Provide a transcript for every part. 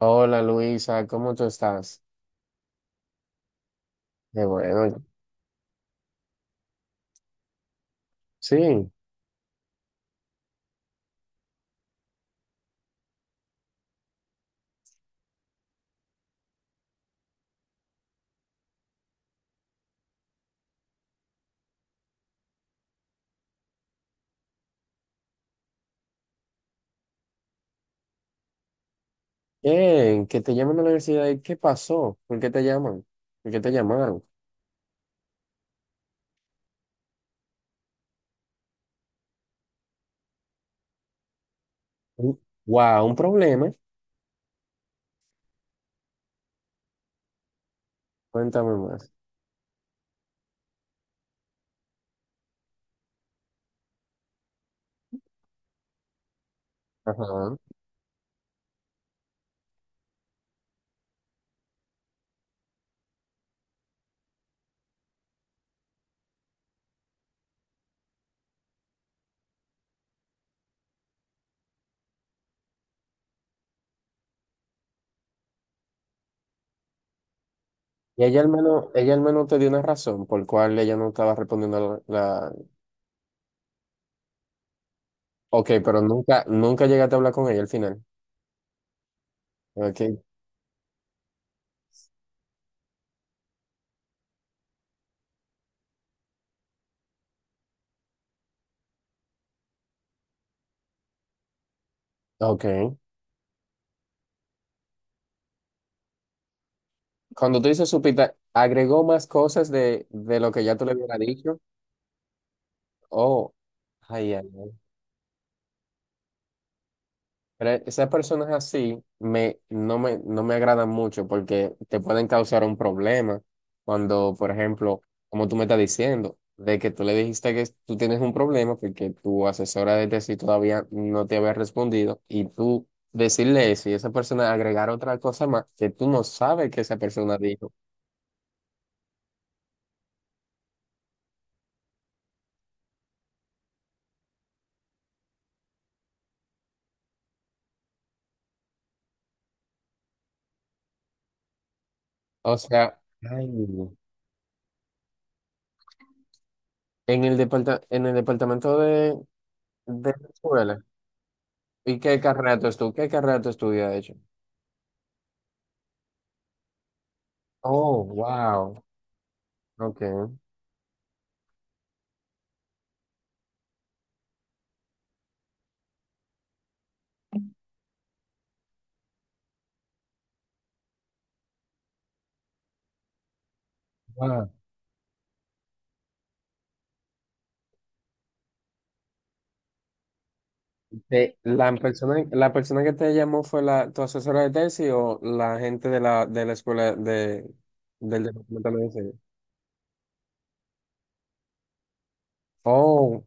Hola Luisa, ¿cómo tú estás? Qué bueno. Sí, bien, que te llaman a la universidad. ¿Qué pasó? ¿Por qué te llaman? ¿Por qué te llamaron? Wow, un problema. Cuéntame más. Ajá. Y ella al menos te dio una razón por cual ella no estaba respondiendo la- Ok, pero nunca, nunca llegaste a hablar con ella al final. Ok, ok. Cuando tú dices supita, agregó más cosas de lo que ya tú le hubieras dicho. Oh, ay, ay, ay. Pero esas personas así no me, no me agradan mucho porque te pueden causar un problema cuando, por ejemplo, como tú me estás diciendo, de que tú le dijiste que tú tienes un problema porque tu asesora de tesis todavía no te había respondido y tú decirle eso y esa persona agregar otra cosa más que tú no sabes que esa persona dijo. O sea, ay, en en el departamento de la escuela. ¿Y qué qué carrera tú estudias, de hecho? Oh, wow. Ok. Ah, la persona que te llamó fue tu asesora de tesis o la gente de de la escuela de, del departamento de medicina. Oh,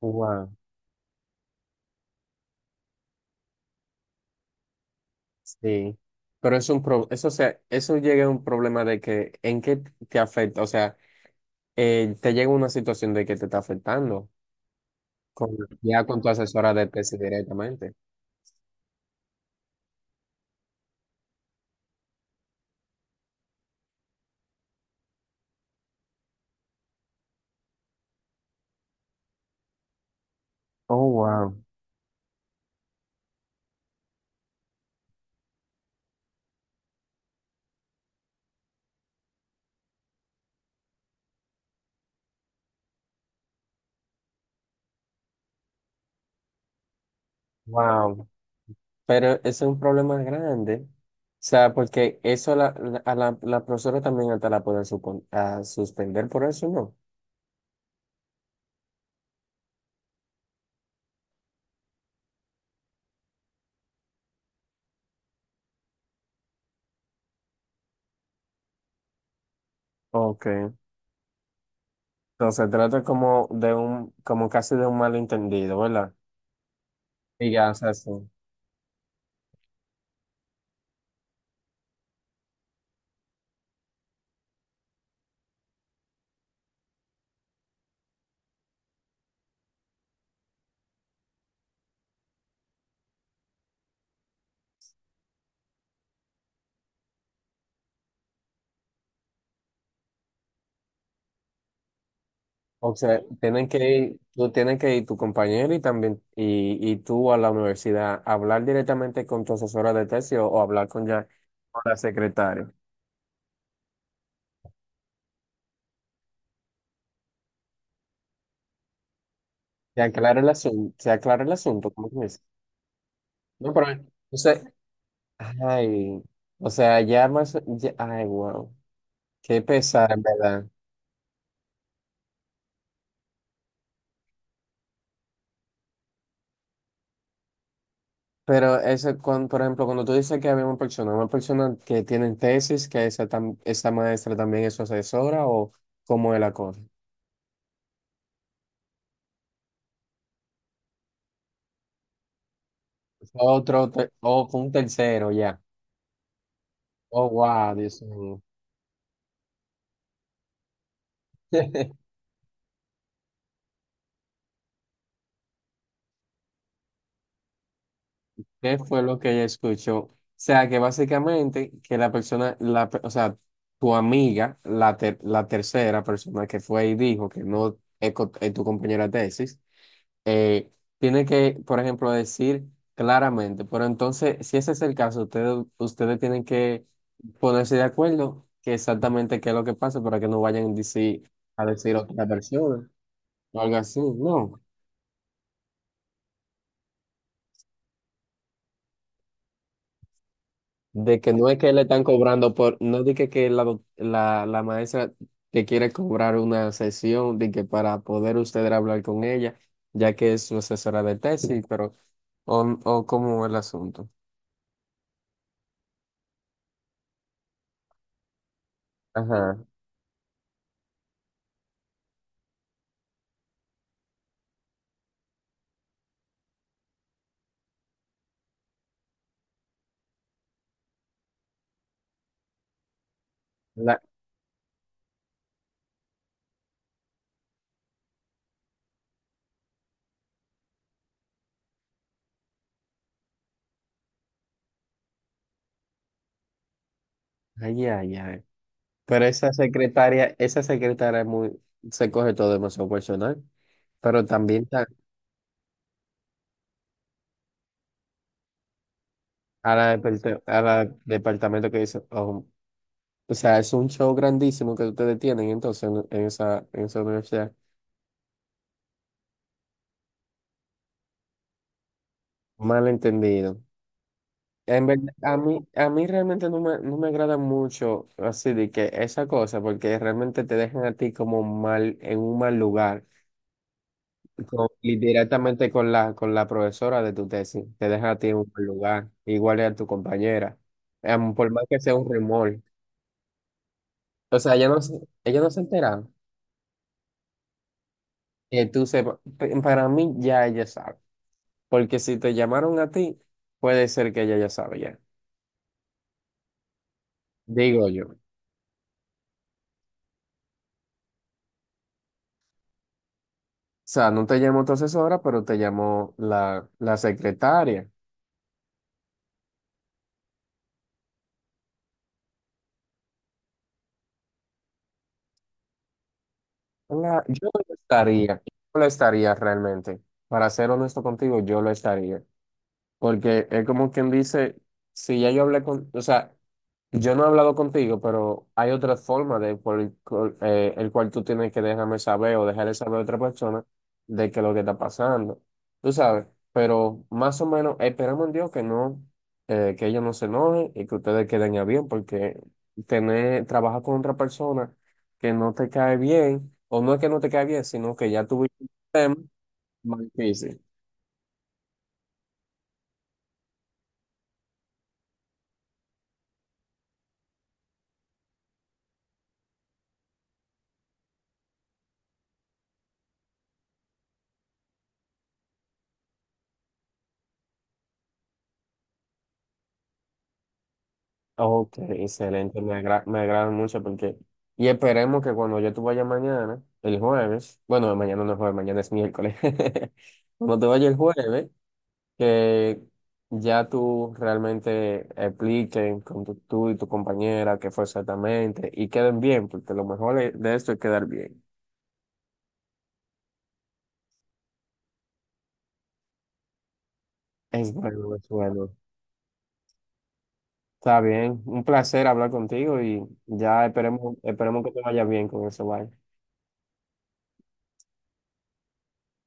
wow, sí. Pero es un pro, eso, o sea, eso llega a un problema de que, ¿en qué te afecta? O sea, te llega una situación de que te está afectando con, ya con tu asesora de tesis directamente. Oh, wow. Wow. Pero ese es un problema grande. O sea, porque eso a la profesora también hasta la puede a suspender por eso, ¿no? Ok. Entonces se trata como de un, como casi de un malentendido, ¿verdad? Y ya, o sea, sí. O sea, tienen que ir, tú tienes que ir tu compañero y también, y tú a la universidad, hablar directamente con tu asesora de tesis o hablar con ya con la secretaria. Se aclara el asunto, se aclara el asunto, ¿cómo que me dice? No, pero entonces ay, o sea, ya más, ya- ay, wow, qué pesar, en verdad. Pero eso, con, por ejemplo, cuando tú dices que había una persona que tiene tesis, que esa, tam- esa maestra también es su asesora, o cómo es la cosa. Otro, te- o con un tercero, ya. Oh, wow, Dios mío. ¿Qué fue lo que ella escuchó? O sea, que básicamente que la persona, o sea, tu amiga, la tercera persona que fue y dijo que no es es tu compañera de tesis, eh, tiene que, por ejemplo, decir claramente, pero entonces, si ese es el caso, ustedes tienen que ponerse de acuerdo que exactamente qué es lo que pasa para que no vayan a decir otra versión o algo así, no. De que no es que le están cobrando por, no dije que la maestra te quiere cobrar una sesión, de que para poder ustedes hablar con ella, ya que es su asesora de tesis, pero, o cómo es el asunto. Ajá. La, ay, ay, ay. Pero esa secretaria es muy, se coge todo demasiado personal. Pero también ta- a departe- a la departamento que dice, oh, o sea, es un show grandísimo que ustedes tienen entonces en esa universidad. Malentendido. En verdad, a mí realmente no me agrada mucho así de que esa cosa, porque realmente te dejan a ti como mal, en un mal lugar. Con- y directamente con la profesora de tu tesis. Te deja a ti en un buen lugar, igual es a tu compañera, Em, por más que sea un rumor. O sea, ella no se entera. Que tú sepas, P- para mí ya ella sabe, porque si te llamaron a ti, puede ser que ella ya sabe ya, digo yo. O sea, no te llamó tu asesora, pero te llamó la secretaria. La- yo lo estaría realmente. Para ser honesto contigo, yo lo estaría. Porque es como quien dice, si ya yo hablé con, o sea, yo no he hablado contigo, pero hay otra forma de por cual el cual tú tienes que dejarme saber o dejarle saber a otra persona de que lo que está pasando. Tú sabes, pero más o menos esperamos en Dios que no, que ellos no se enojen y que ustedes queden a bien, porque tener, trabajar con otra persona que no te cae bien, o no es que no te cae bien, sino que ya tuviste un tema más difícil. Ok, excelente, me agra- me agrada mucho porque... Y esperemos que cuando yo te vaya mañana, el jueves, bueno, no, mañana no es jueves, mañana es miércoles, cuando te vaya el jueves, que ya tú realmente expliquen con tu, tú y tu compañera qué fue exactamente y queden bien, porque lo mejor es- de esto es quedar bien. Es bueno, es bueno. Está bien, un placer hablar contigo y ya esperemos, esperemos que te vaya bien con eso, bye.